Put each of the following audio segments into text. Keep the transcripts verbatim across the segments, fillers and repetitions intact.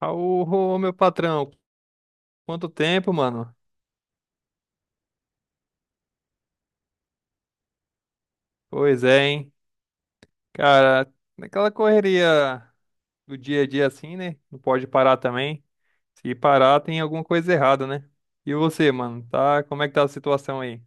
Ô, meu patrão, quanto tempo, mano? Pois é, hein? Cara, naquela correria do dia a dia assim, né? Não pode parar também. Se parar, tem alguma coisa errada, né? E você, mano, tá? Como é que tá a situação aí?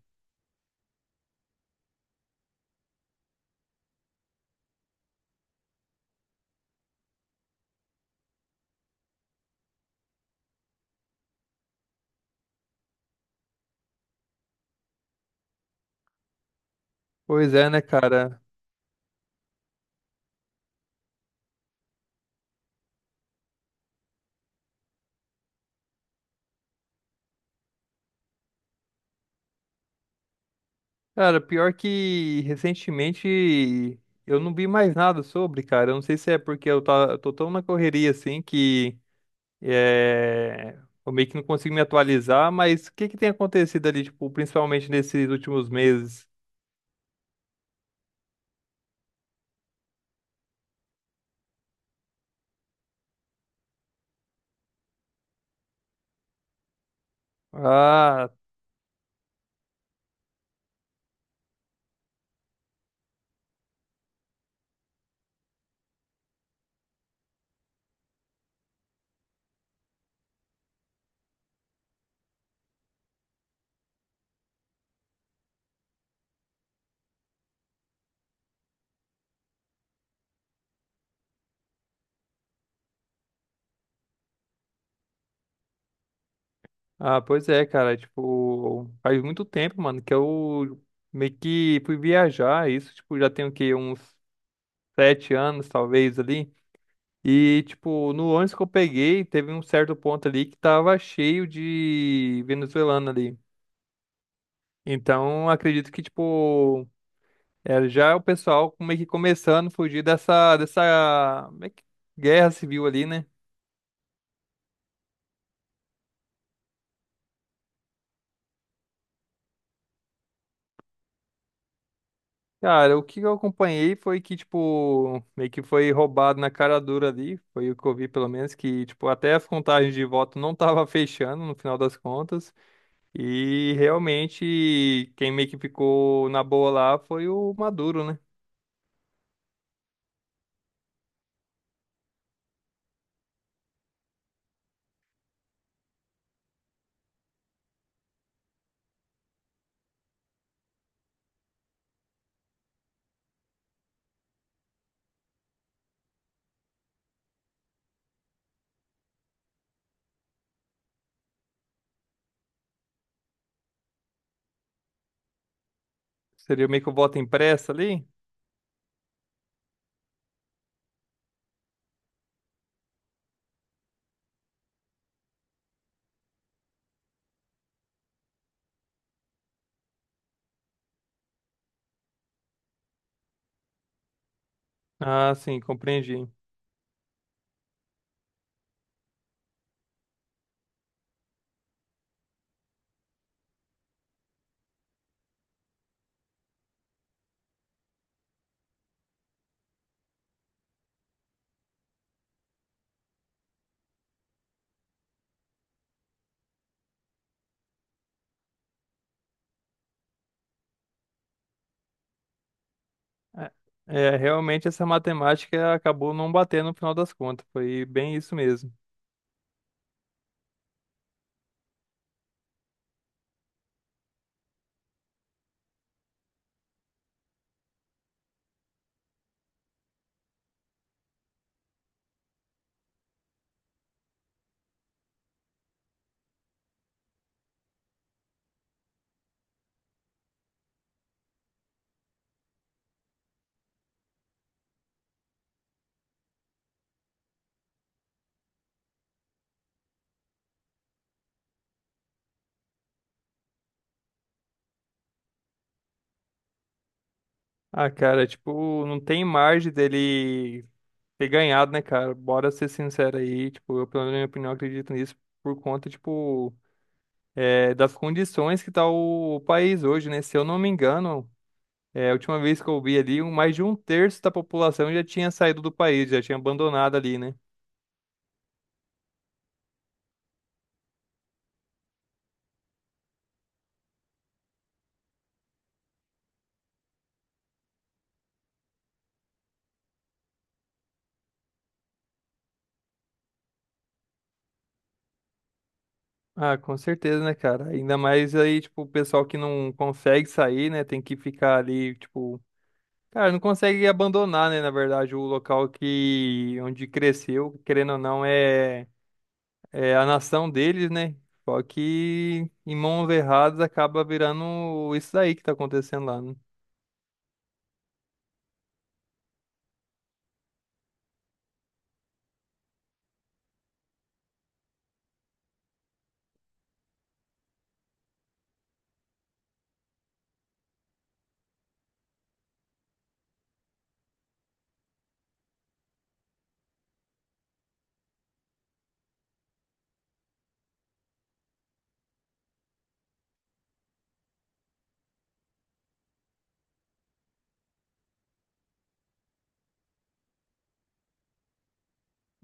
Pois é, né, cara? Cara, pior que recentemente eu não vi mais nada sobre, cara. Eu não sei se é porque eu tá, eu tô tão na correria assim que. É, eu meio que não consigo me atualizar, mas o que que tem acontecido ali, tipo, principalmente nesses últimos meses? Ah, ah, pois é, cara, tipo, faz muito tempo, mano, que eu meio que fui viajar, isso, tipo, já tem o quê? Uns sete anos, talvez, ali. E, tipo, no ônibus que eu peguei, teve um certo ponto ali que tava cheio de venezuelano ali. Então, acredito que, tipo, é, já é o pessoal meio que começando a fugir dessa, dessa meio que guerra civil ali, né? Cara, o que eu acompanhei foi que, tipo, meio que foi roubado na cara dura ali. Foi o que eu vi, pelo menos, que, tipo, até as contagens de voto não tava fechando no final das contas. E realmente, quem meio que ficou na boa lá foi o Maduro, né? Seria meio que o voto impresso ali? Ah, sim, compreendi. É, é, realmente essa matemática acabou não batendo no final das contas. Foi bem isso mesmo. Ah, cara, tipo, não tem margem dele ter ganhado, né, cara? Bora ser sincero aí. Tipo, eu, pelo menos, na minha opinião, acredito nisso por conta, tipo, é, das condições que tá o, o país hoje, né? Se eu não me engano, é, a última vez que eu vi ali, um- mais de um terço da população já tinha saído do país, já tinha abandonado ali, né? Ah, com certeza, né, cara? Ainda mais aí, tipo, o pessoal que não consegue sair, né? Tem que ficar ali, tipo, cara, não consegue abandonar, né? Na verdade, o local que onde cresceu, querendo ou não, é, é a nação deles, né? Só que em mãos erradas acaba virando isso daí que tá acontecendo lá, né?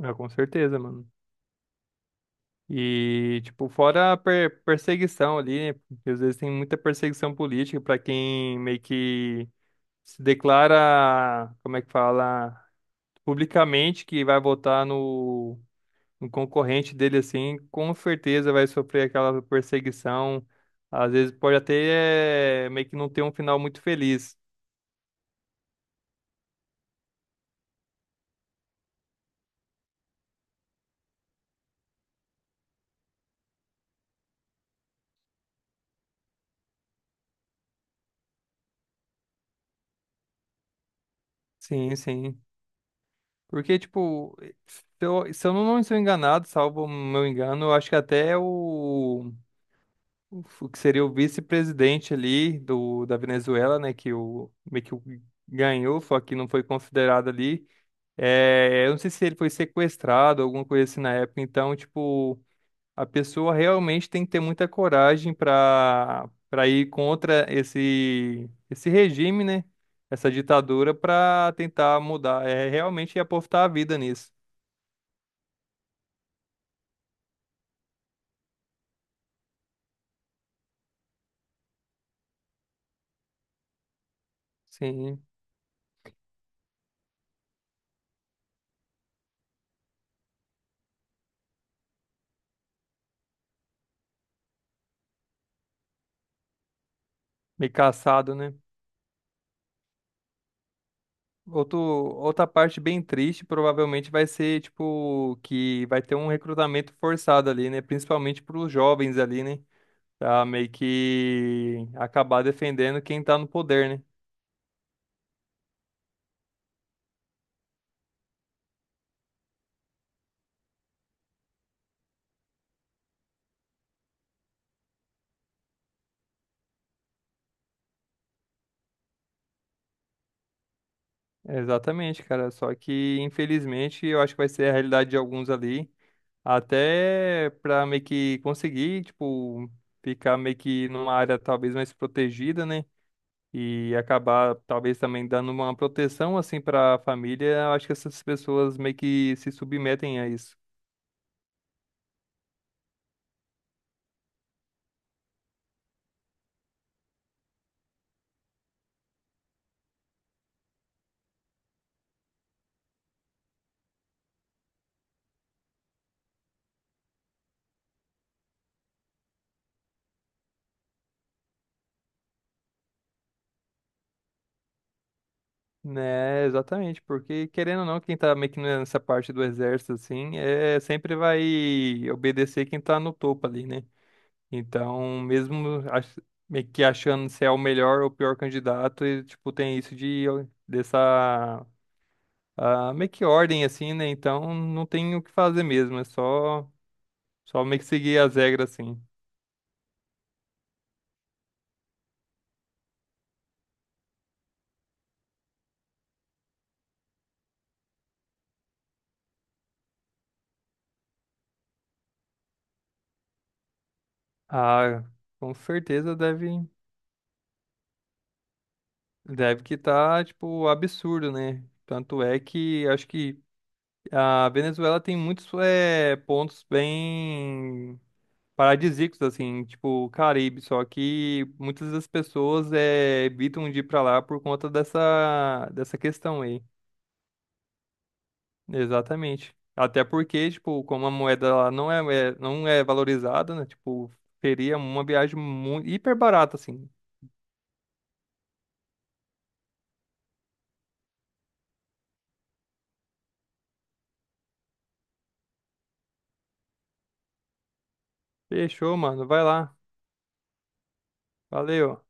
Ah, com certeza, mano. E, tipo, fora a per- perseguição ali, né? Porque às vezes tem muita perseguição política pra quem meio que se declara, como é que fala, publicamente que vai votar no, no concorrente dele assim, com certeza vai sofrer aquela perseguição. Às vezes pode até eh, meio que não ter um final muito feliz. Sim, sim. Porque, tipo, se eu, se eu não estou enganado, salvo o meu engano, eu acho que até o, o que seria o vice-presidente ali do, da Venezuela, né, que o, meio que o ganhou, só que não foi considerado ali. É, eu não sei se ele foi sequestrado, alguma coisa assim na época. Então, tipo, a pessoa realmente tem que ter muita coragem para para ir contra esse esse regime, né? Essa ditadura para tentar mudar. É realmente apostar a vida nisso. Sim, meio caçado, né? Outro, outra parte bem triste provavelmente vai ser, tipo, que vai ter um recrutamento forçado ali, né? Principalmente para os jovens ali, né? Pra meio que acabar defendendo quem tá no poder, né? Exatamente, cara. Só que, infelizmente, eu acho que vai ser a realidade de alguns ali. Até pra meio que conseguir, tipo, ficar meio que numa área talvez mais protegida, né? E acabar talvez também dando uma proteção assim pra família. Eu acho que essas pessoas meio que se submetem a isso. Né, exatamente, porque querendo ou não, quem tá meio que nessa parte do exército, assim, é sempre vai obedecer quem tá no topo ali, né? Então, mesmo ach- meio que achando se é o melhor ou o pior candidato, e, tipo, tem isso de dessa ah, meio que ordem, assim, né? Então, não tem o que fazer mesmo, é só, só meio que seguir as regras, assim. Ah, com certeza deve, deve que tá, tipo, absurdo, né? Tanto é que acho que. A Venezuela tem muitos eh, pontos bem paradisíacos, assim, tipo o Caribe, só que muitas das pessoas eh, evitam de ir pra lá por conta dessa, dessa questão aí. Exatamente. Até porque, tipo, como a moeda lá não é, é- não é valorizada, né? Tipo, seria uma viagem muito, hiper barata, assim. Fechou, mano. Vai lá. Valeu.